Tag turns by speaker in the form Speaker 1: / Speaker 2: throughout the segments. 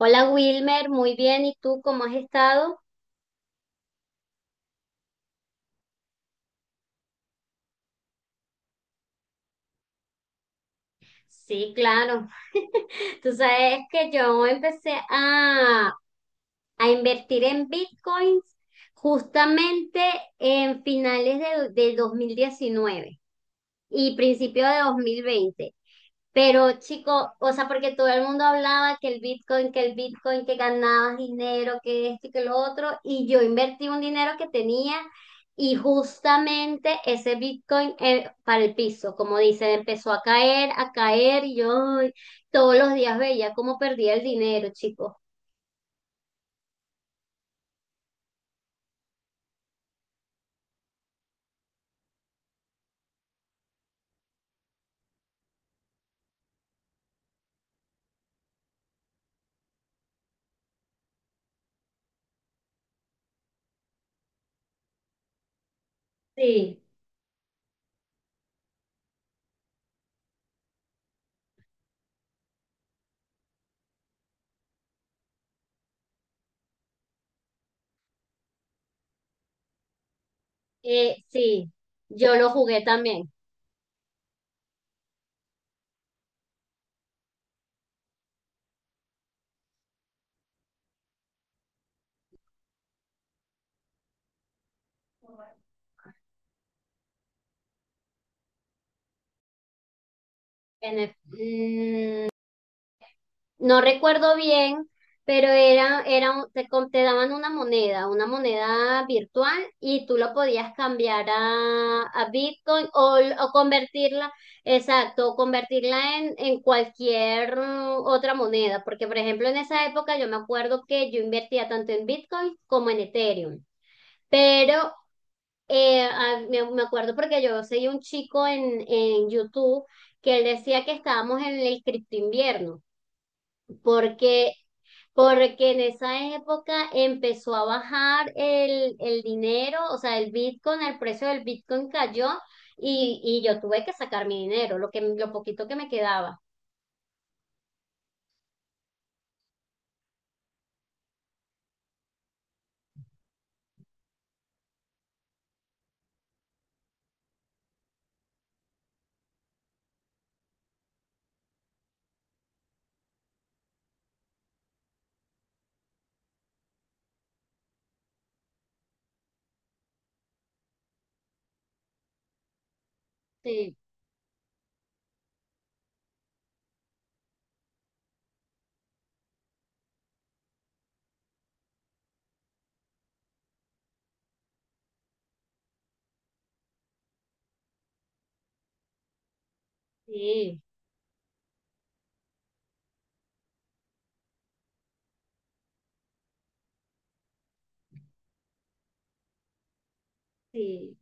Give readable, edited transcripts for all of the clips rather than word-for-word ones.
Speaker 1: Hola Wilmer, muy bien. ¿Y tú cómo has estado? Sí, claro. Tú sabes que yo empecé a invertir en bitcoins justamente en finales del 2019 y principio de 2020. Pero chico, o sea, porque todo el mundo hablaba que el Bitcoin, que el Bitcoin, que ganabas dinero, que esto y que lo otro, y yo invertí un dinero que tenía. Y justamente ese Bitcoin para el piso, como dicen, empezó a caer y yo ay, todos los días veía cómo perdía el dinero, chico. Sí, sí, yo lo jugué también. En el- mm, no recuerdo bien, pero era, te daban una moneda virtual, y tú lo podías cambiar a Bitcoin o convertirla, exacto, o convertirla en cualquier otra moneda, porque por ejemplo en esa época yo me acuerdo que yo invertía tanto en Bitcoin como en Ethereum. Pero me acuerdo porque yo seguí un chico en YouTube que él decía que estábamos en el cripto invierno, porque en esa época empezó a bajar el dinero, o sea, el Bitcoin, el precio del Bitcoin cayó, y yo tuve que sacar mi dinero, lo poquito que me quedaba. Sí, sí, sí.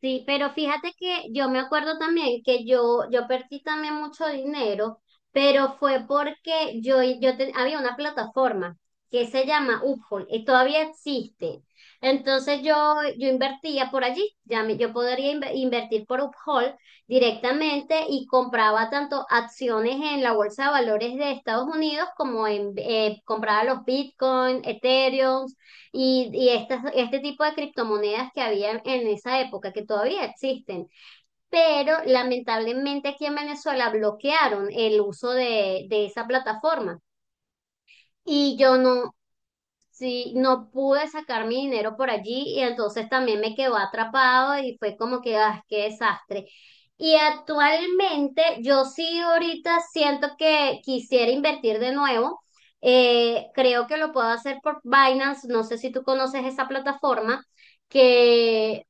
Speaker 1: Sí, pero fíjate que yo me acuerdo también que yo perdí también mucho dinero, pero fue porque había una plataforma que se llama Uphold y todavía existe. Entonces yo invertía por allí, ya yo podría invertir por Uphold directamente y compraba tanto acciones en la bolsa de valores de Estados Unidos como compraba los Bitcoin, Ethereum, y este tipo de criptomonedas que había en esa época, que todavía existen, pero lamentablemente aquí en Venezuela bloquearon el uso de esa plataforma. Y yo no. Sí, no pude sacar mi dinero por allí y entonces también me quedó atrapado y fue como que, ah, qué desastre. Y actualmente yo sí ahorita siento que quisiera invertir de nuevo. Creo que lo puedo hacer por Binance, no sé si tú conoces esa plataforma, que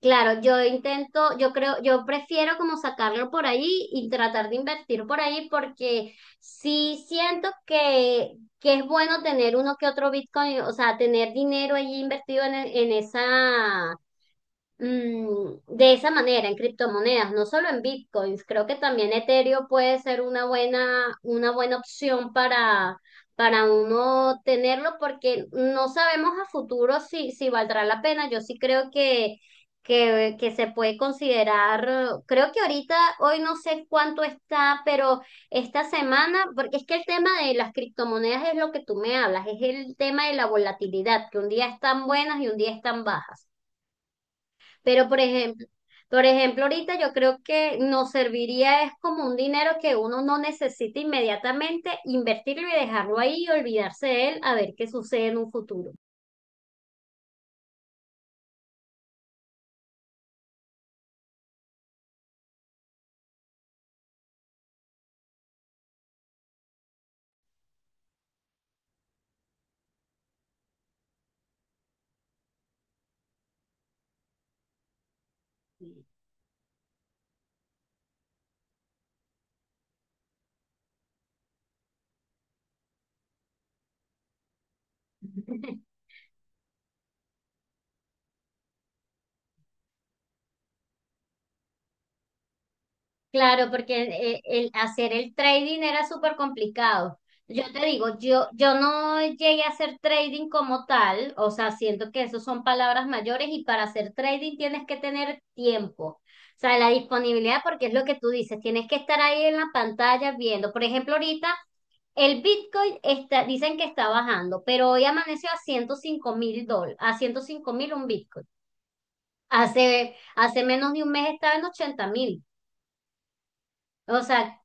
Speaker 1: claro, yo intento, yo creo, yo prefiero como sacarlo por ahí y tratar de invertir por ahí porque sí siento que es bueno tener uno que otro Bitcoin, o sea, tener dinero allí invertido de esa manera en criptomonedas, no solo en bitcoins. Creo que también Ethereum puede ser una buena opción para uno tenerlo, porque no sabemos a futuro si valdrá la pena. Yo sí creo que se puede considerar. Creo que ahorita, hoy no sé cuánto está, pero esta semana, porque es que el tema de las criptomonedas es lo que tú me hablas, es el tema de la volatilidad, que un día están buenas y un día están bajas. Pero por ejemplo, ahorita yo creo que nos serviría es como un dinero que uno no necesita inmediatamente, invertirlo y dejarlo ahí y olvidarse de él a ver qué sucede en un futuro. Claro, porque hacer el trading era súper complicado. Yo te digo, yo no llegué a hacer trading como tal, o sea, siento que eso son palabras mayores y para hacer trading tienes que tener tiempo, o sea, la disponibilidad, porque es lo que tú dices, tienes que estar ahí en la pantalla viendo. Por ejemplo, ahorita el Bitcoin está, dicen que está bajando, pero hoy amaneció a $105.000, a 105.000 un Bitcoin. Hace menos de un mes estaba en 80.000. O sea,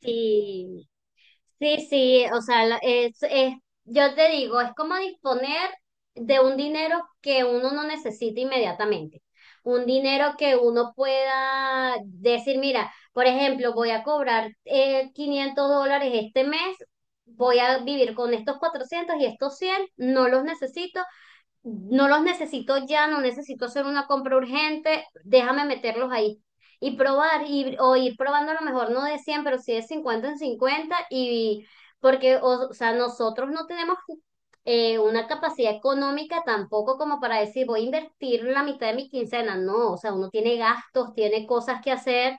Speaker 1: sí, sí, sí, o sea, yo te digo, es como disponer de un dinero que uno no necesita inmediatamente, un dinero que uno pueda decir, mira, por ejemplo, voy a cobrar $500 este mes, voy a vivir con estos 400 y estos 100, no los necesito, no los necesito ya, no necesito hacer una compra urgente, déjame meterlos ahí y probar, o ir probando a lo mejor no de 100 pero sí de 50 en 50 y porque, o sea, nosotros no tenemos una capacidad económica tampoco como para decir voy a invertir la mitad de mi quincena, no, o sea, uno tiene gastos, tiene cosas que hacer,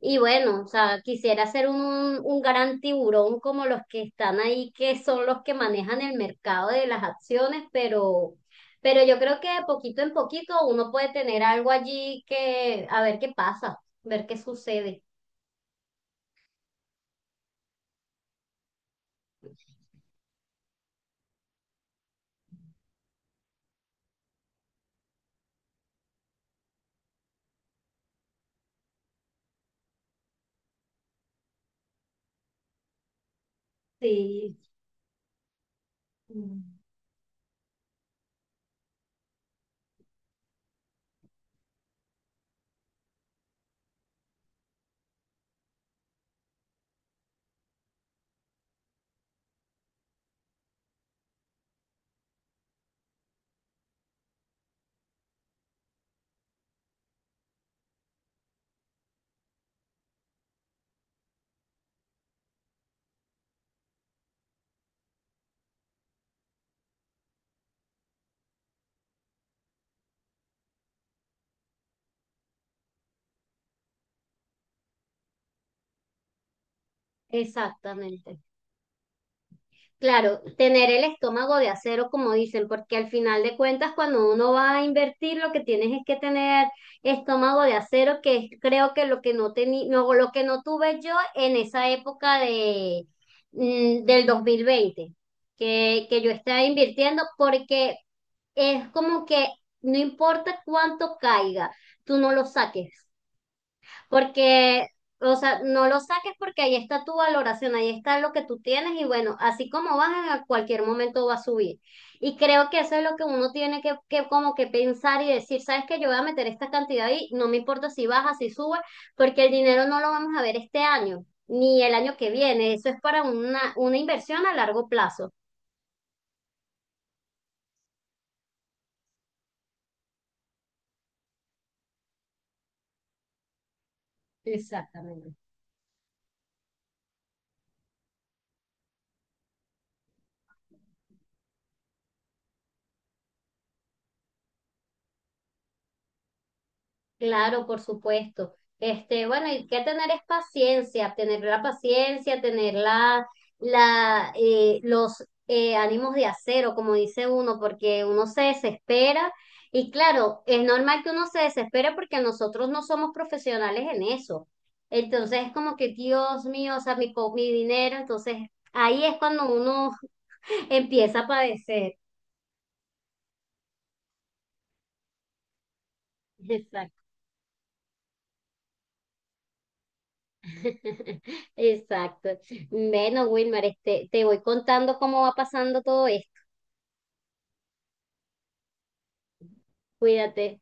Speaker 1: y bueno, o sea, quisiera ser un gran tiburón como los que están ahí, que son los que manejan el mercado de las acciones, pero... Pero yo creo que poquito en poquito uno puede tener algo allí que, a ver qué pasa, ver qué sucede. Sí, mm, exactamente. Claro, tener el estómago de acero, como dicen, porque al final de cuentas, cuando uno va a invertir, lo que tienes es que tener estómago de acero, que es, creo que lo que no, lo que no tuve yo en esa época del 2020, que yo estaba invirtiendo, porque es como que no importa cuánto caiga, tú no lo saques, porque, o sea, no lo saques porque ahí está tu valoración, ahí está lo que tú tienes y bueno, así como baja a cualquier momento va a subir. Y creo que eso es lo que uno tiene que como que pensar y decir, sabes que yo voy a meter esta cantidad ahí, no me importa si baja, si sube, porque el dinero no lo vamos a ver este año, ni el año que viene, eso es para una inversión a largo plazo. Exactamente. Claro, por supuesto. Bueno, hay que tener es paciencia, tener la paciencia, tener los ánimos de acero, como dice uno, porque uno se desespera. Y claro, es normal que uno se desespere porque nosotros no somos profesionales en eso. Entonces es como que, Dios mío, o sea, mi dinero. Entonces ahí es cuando uno empieza a padecer. Exacto. Exacto. Bueno, Wilmar, te voy contando cómo va pasando todo esto. Cuídate.